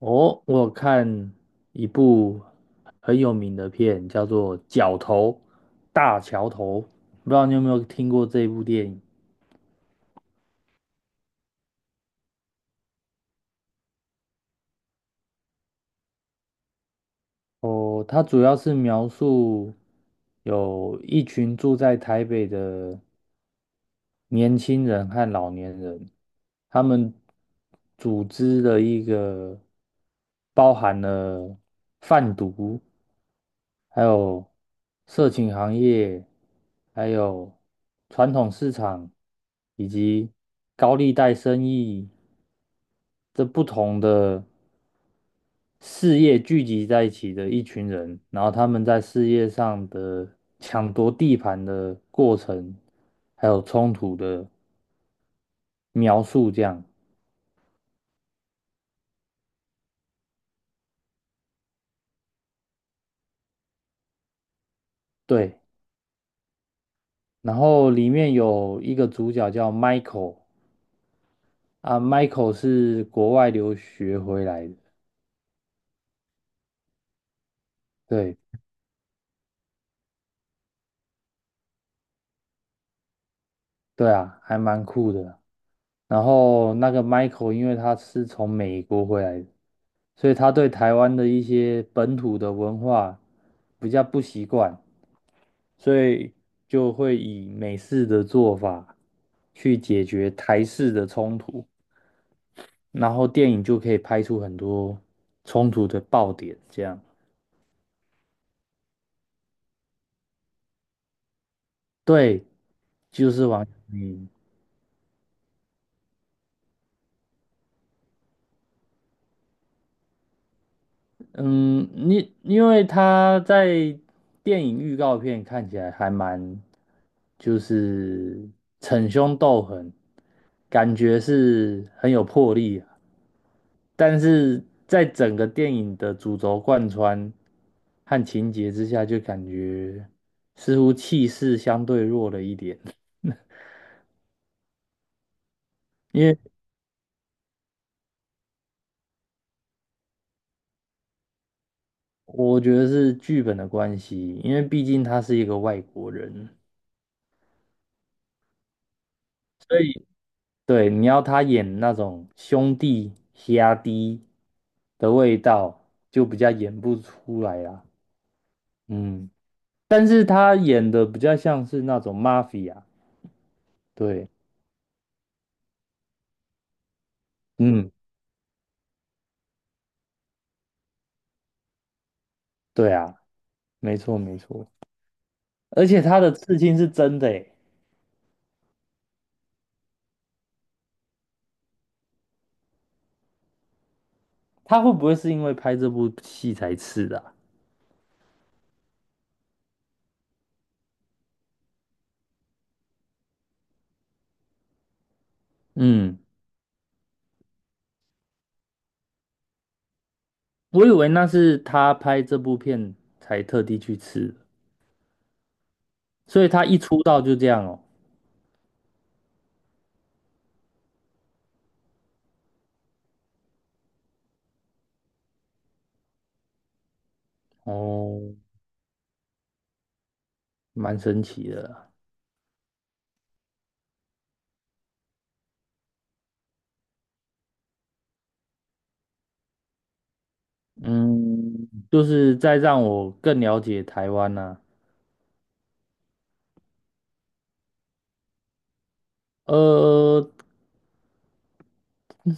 哦，我有看一部很有名的片，叫做《角头大桥头》，不知道你有没有听过这部电影？哦，它主要是描述有一群住在台北的年轻人和老年人，他们组织了一个包含了贩毒，还有色情行业，还有传统市场，以及高利贷生意，这不同的事业聚集在一起的一群人，然后他们在事业上的抢夺地盘的过程，还有冲突的描述，这样。对。然后里面有一个主角叫 Michael 啊，Michael 是国外留学回来的，对。对啊，还蛮酷的啊。然后那个 Michael，因为他是从美国回来的，所以他对台湾的一些本土的文化比较不习惯，所以就会以美式的做法去解决台式的冲突，然后电影就可以拍出很多冲突的爆点。这样，对，就是王阳明。嗯，你因为他在电影预告片看起来还蛮，就是逞凶斗狠，感觉是很有魄力啊，但是在整个电影的主轴贯穿和情节之下，就感觉似乎气势相对弱了一点。因为我觉得是剧本的关系，因为毕竟他是一个外国人。所以。对，你要他演那种兄弟的味道，就比较演不出来啦。嗯，但是他演的比较像是那种 mafia。对，嗯，对啊，没错没错。而且他的刺青是真的诶，他会不会是因为拍这部戏才刺的啊。嗯，我以为那是他拍这部片才特地去刺的。所以他一出道就这样哦。哦，蛮神奇的啦。嗯，就是在让我更了解台湾呐。呃，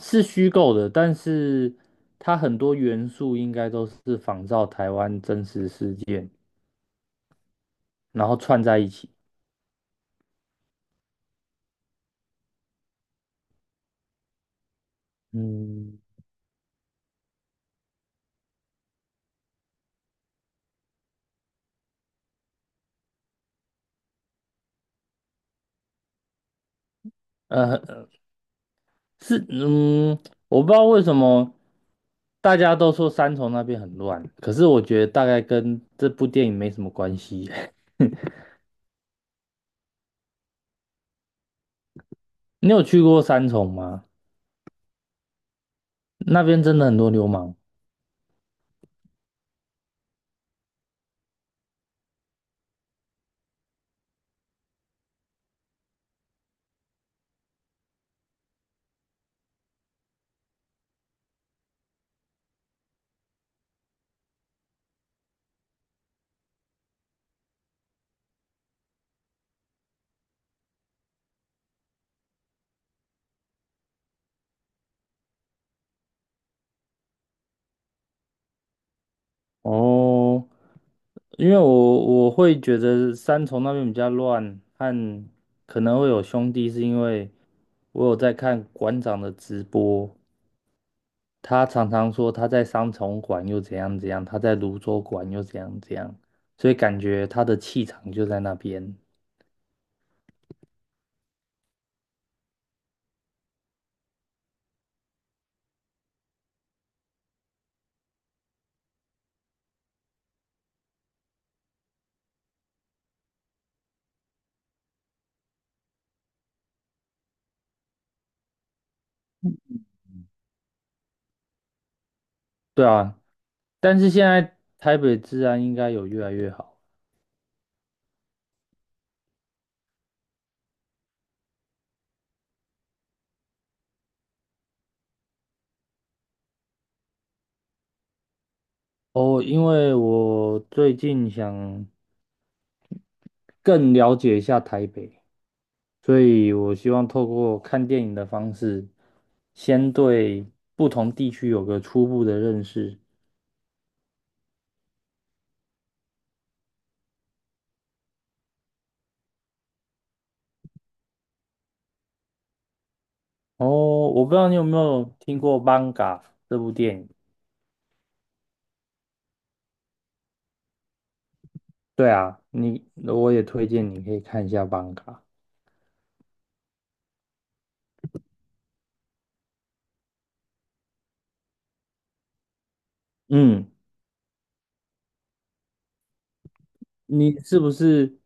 是虚构的，但是它很多元素应该都是仿照台湾真实事件，然后串在一起。嗯。呃，是，我不知道为什么大家都说三重那边很乱，可是我觉得大概跟这部电影没什么关系。你有去过三重吗？那边真的很多流氓哦。因为我会觉得三重那边比较乱，和可能会有兄弟，是因为我有在看馆长的直播，他常常说他在三重馆又怎样怎样，他在泸州馆又怎样怎样，所以感觉他的气场就在那边。对啊，但是现在台北治安应该有越来越好。哦，因为我最近想更了解一下台北。所以我希望透过看电影的方式，先对不同地区有个初步的认识。哦，我不知道你有没有听过《邦嘎》这部电影？对啊，我也推荐你可以看一下《邦嘎》。嗯，你是不是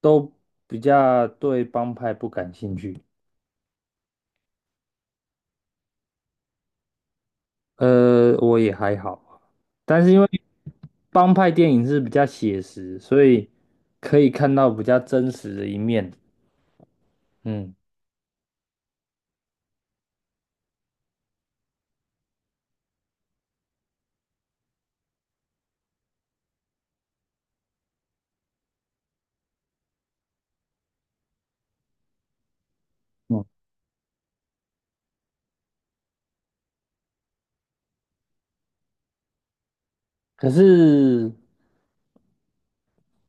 都比较对帮派不感兴趣？我也还好，但是因为帮派电影是比较写实，所以可以看到比较真实的一面。嗯。可是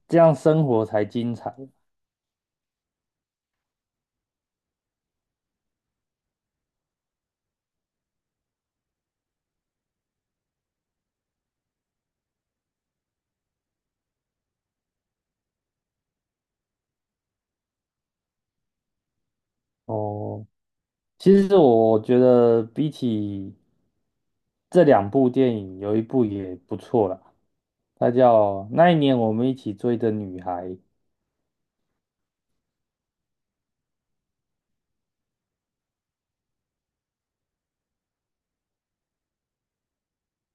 这样生活才精彩。哦。其实我觉得比起这两部电影，有一部也不错啦，它叫《那一年我们一起追的女孩》，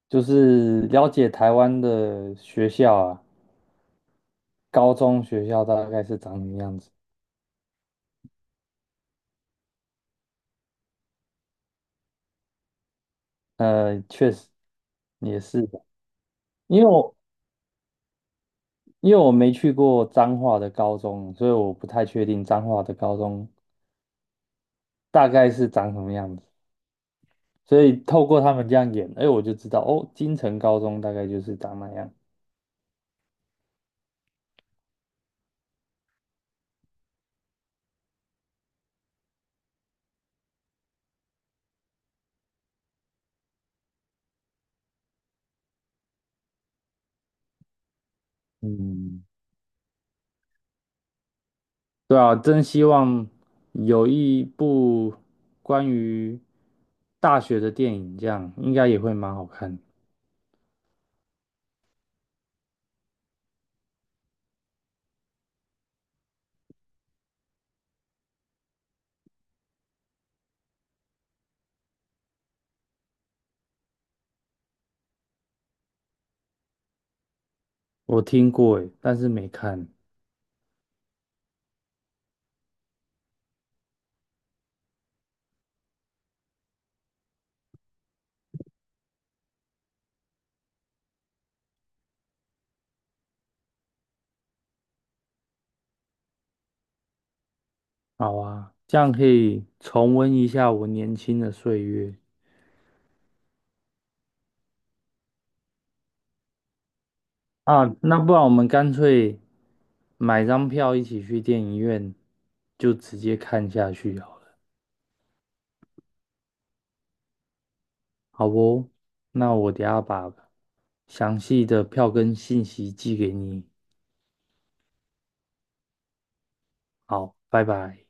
就是了解台湾的学校啊，高中学校大概是长什么样子。确实也是的，因为我因为我没去过彰化的高中，所以我不太确定彰化的高中大概是长什么样子。所以透过他们这样演，哎，我就知道哦，金城高中大概就是长那样。嗯，对啊，真希望有一部关于大学的电影，这样应该也会蛮好看。我听过诶，但是没看。好啊，这样可以重温一下我年轻的岁月。啊。那不然我们干脆买张票一起去电影院，就直接看下去啊。好不，那我等下把详细的票根信息寄给你。好，拜拜。